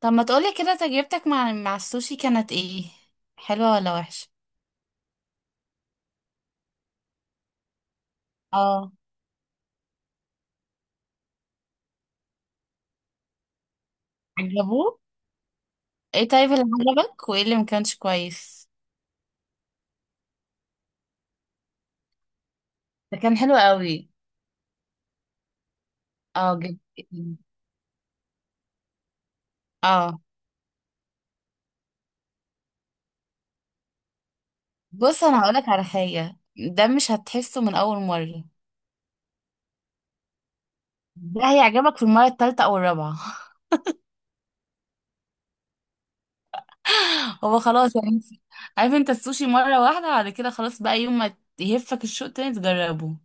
طب ما تقولي كده تجربتك مع السوشي كانت ايه؟ حلوة ولا وحشة؟ اه. عجبوك؟ ايه طيب اللي عجبك وايه اللي ما كانش كويس؟ ده كان حلو قوي. اه جدا. اه. بص انا هقولك على حاجة، ده مش هتحسه من اول مرة. ده هيعجبك في المرة التالتة او الرابعة. هو خلاص يعني عارف انت السوشي مرة واحدة، بعد كده خلاص، بقى يوم ما يهفك الشوق تاني تجربه.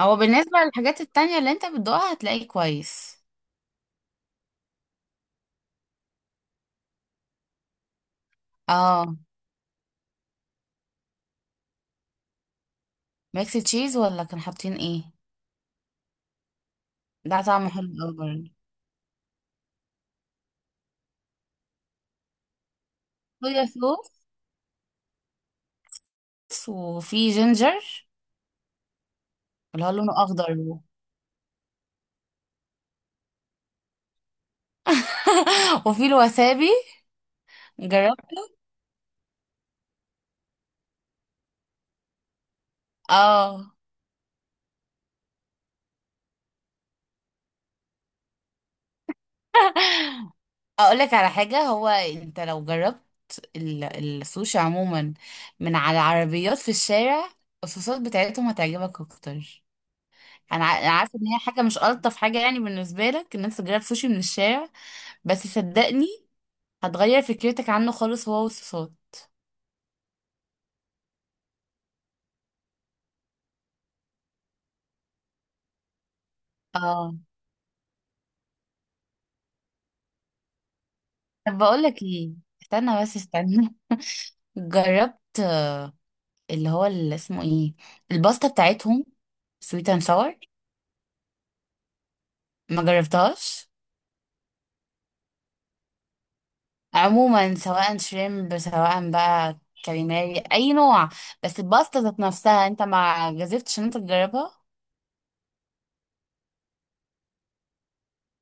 هو بالنسبة للحاجات التانية اللي انت بتدوقها هتلاقيه كويس. اه. ميكس تشيز ولا كان حاطين ايه؟ ده طعمه حلو قوي برضه. صويا صوص. وفي جينجر. اللي هو لونه اخضر وفي الوسابي. جربت؟ اه. اقول لك على حاجه، هو انت لو جربت السوشي عموما من على عربيات في الشارع، الصوصات بتاعتهم هتعجبك اكتر. أنا عارفه ان هي حاجه مش الطف حاجه يعني بالنسبه لك ان انت تجرب سوشي من الشارع، بس صدقني، هتغير فكرتك عنه خالص، هو والصوصات. اه. طب بقول لك ايه. استنى بس استنى. جربت اللي هو اللي اسمه ايه، الباستا بتاعتهم سويت اند ساور؟ ما جربتهاش؟ عموما سواء شريمب سواء بقى كاليماري اي نوع، بس الباستا ذات نفسها انت ما جازفتش ان انت تجربها.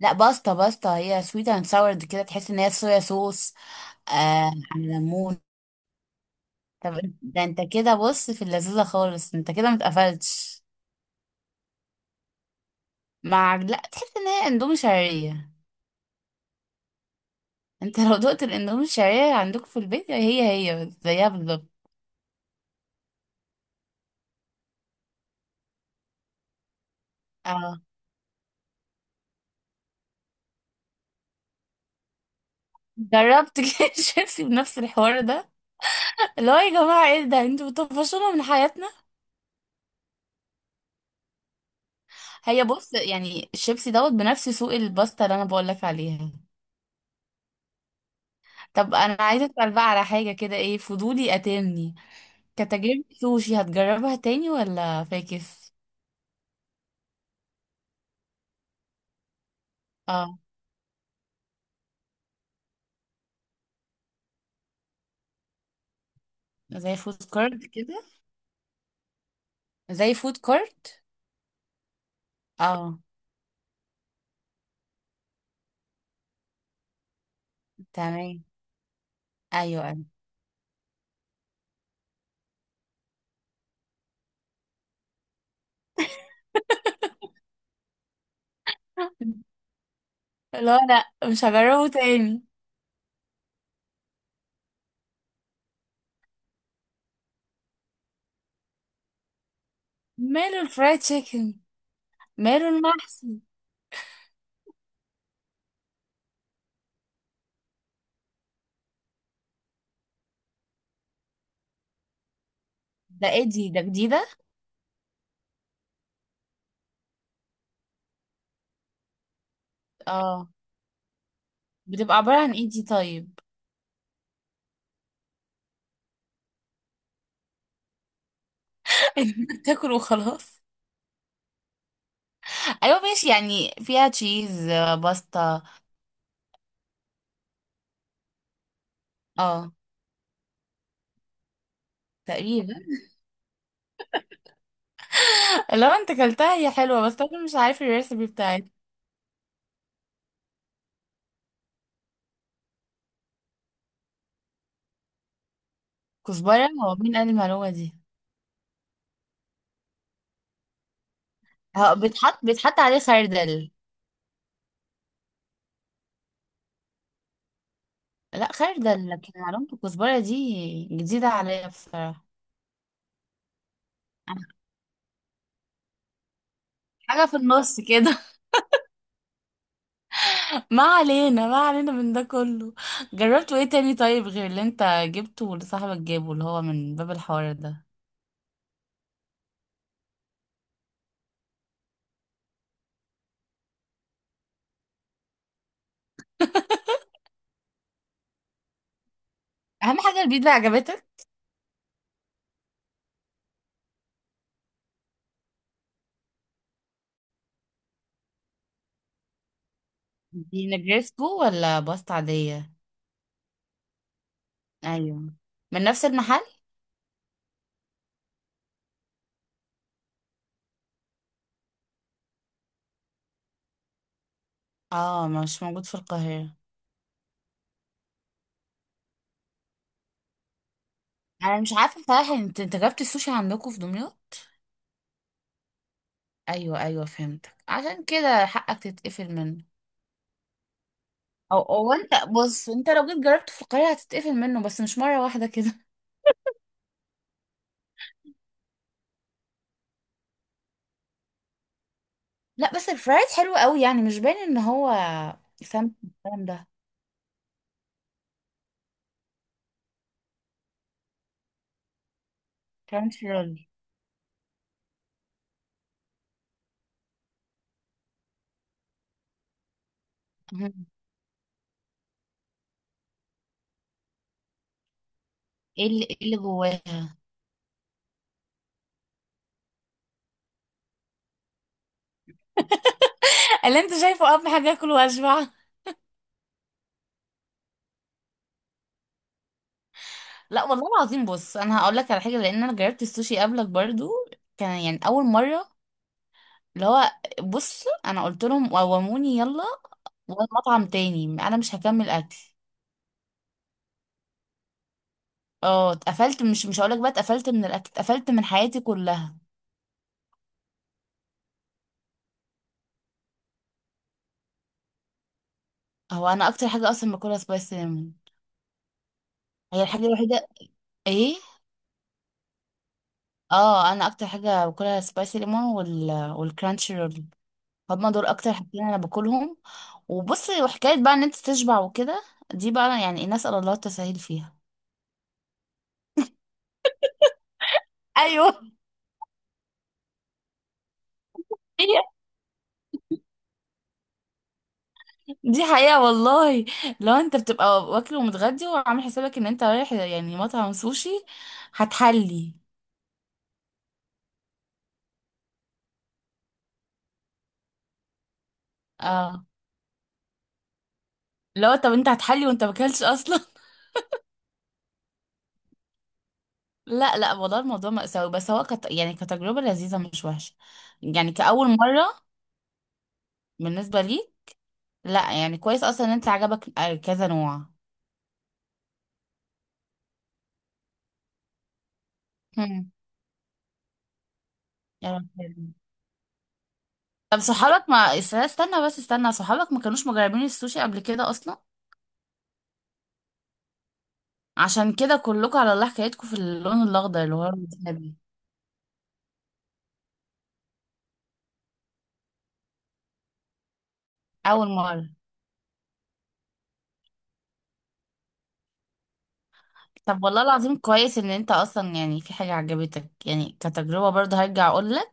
لا، باستا باستا هي سويت اند ساور كده، تحس ان هي صويا صوص آه على ليمون. طب ده انت كده بص في اللذيذه خالص، انت كده متقفلتش. مع لا تحس ان هي اندومي شعريه. انت لو دقت الاندومي الشعريه عندكم في البيت، هي زيها بالظبط. اه. جربت كده شيبسي بنفس الحوار ده، اللي هو يا جماعه ايه ده انتوا بتطفشونا من حياتنا. هي بص يعني الشيبسي دوت بنفس سوق الباستا اللي انا بقول لك عليها. طب انا عايزه اسال بقى على حاجه كده، ايه فضولي قاتلني. كتجربه سوشي هتجربها تاني ولا فاكس؟ اه. زي فود كارت كده؟ زي فود كارت. اه تمام. ايوه ايوه. لا لا، مش هجربه تاني. ماله الفرايد تشيكن؟ ماله المحشي؟ ده ايه دي؟ ده جديدة؟ اه. بتبقى عبارة عن ايه دي طيب؟ إنك تاكل وخلاص. ايوه ماشي، يعني فيها تشيز باستا. اه. تقريبا. لو انت كلتها هي حلوة، بس انا مش عارف الريسبي بتاعتها. كزبرة؟ هو مين قال المعلومة دي؟ اه، بيتحط عليه خردل. لا خردل، لكن معلومة الكزبرة دي جديدة عليا بصراحة. حاجة في النص كده. ما علينا، ما علينا من ده كله. جربتوا ايه تاني طيب غير اللي انت جبته واللي صاحبك جابه اللي هو من باب الحوار ده؟ اهم حاجة البيتزا عجبتك. دي نجرسكو ولا باستا عادية؟ ايوه. من نفس المحل؟ اه مش موجود في القاهرة؟ انا مش عارفة صراحة، انت جبت السوشي عندكم في دمياط؟ ايوه ايوه فهمتك، عشان كده حقك تتقفل منه. او انت بص، انت لو جيت جربته في القاهرة هتتقفل منه، بس مش مرة واحدة كده. لا بس الفرايد حلو قوي يعني مش باين ان هو سمك الكلام ده. فرنش رول. مم. ايه اللي جواها؟ اللي انت شايفه اهم حاجه، اكل واشبع. لا والله العظيم، بص انا هقول لك على حاجه، لان انا جربت السوشي قبلك برضو، كان يعني اول مره، اللي هو بص انا قلت لهم قوموني يلا، والمطعم تاني انا مش هكمل اكل. اه اتقفلت، مش هقول لك بقى اتقفلت من الاكل، اتقفلت من حياتي كلها. هو انا اكتر حاجه اصلا باكلها سبايس سينامون. هي الحاجه الوحيده. ايه. اه انا اكتر حاجه باكلها سبايسي ليمون، وال والكرانشي رول. هما دول اكتر حاجتين انا باكلهم. وبصي، وحكايه بقى ان انت تشبع وكده، دي بقى يعني الناس على الله التسهيل فيها. ايوه. دي حقيقه والله. لو انت بتبقى واكل ومتغدي وعامل حسابك ان انت رايح يعني مطعم سوشي، هتحلي. اه. لو طب انت هتحلي وانت ماكلتش اصلا. لا لا والله الموضوع مأساوي، بس هو يعني كتجربه لذيذه مش وحشه، يعني كأول مره بالنسبه لي. لا يعني كويس اصلا ان انت عجبك كذا نوع. هم. يا رب حلو. طب صحابك ما است- استنى بس استنى، صحابك ما كانوش مجربين السوشي قبل كده اصلا؟ عشان كده كلكم على الله حكايتكم في اللون الاخضر اللي هو الوسابي. اول مره. طب والله العظيم كويس ان انت اصلا يعني في حاجه عجبتك، يعني كتجربه برضه هرجع اقول لك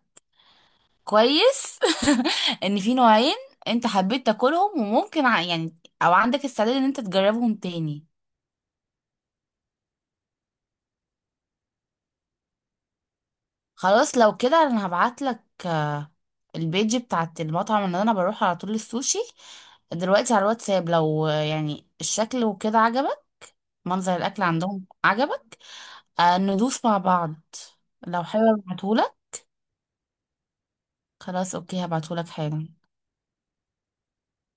كويس، ان في نوعين انت حبيت تاكلهم، وممكن يعني او عندك استعداد ان انت تجربهم تاني. خلاص لو كده انا هبعتلك البيج بتاعت المطعم اللي انا بروح على طول السوشي دلوقتي على الواتساب. لو يعني الشكل وكده عجبك، منظر الاكل عندهم عجبك، ندوس مع بعض. لو حابب ابعتهولك. خلاص اوكي، هبعتهولك حالا.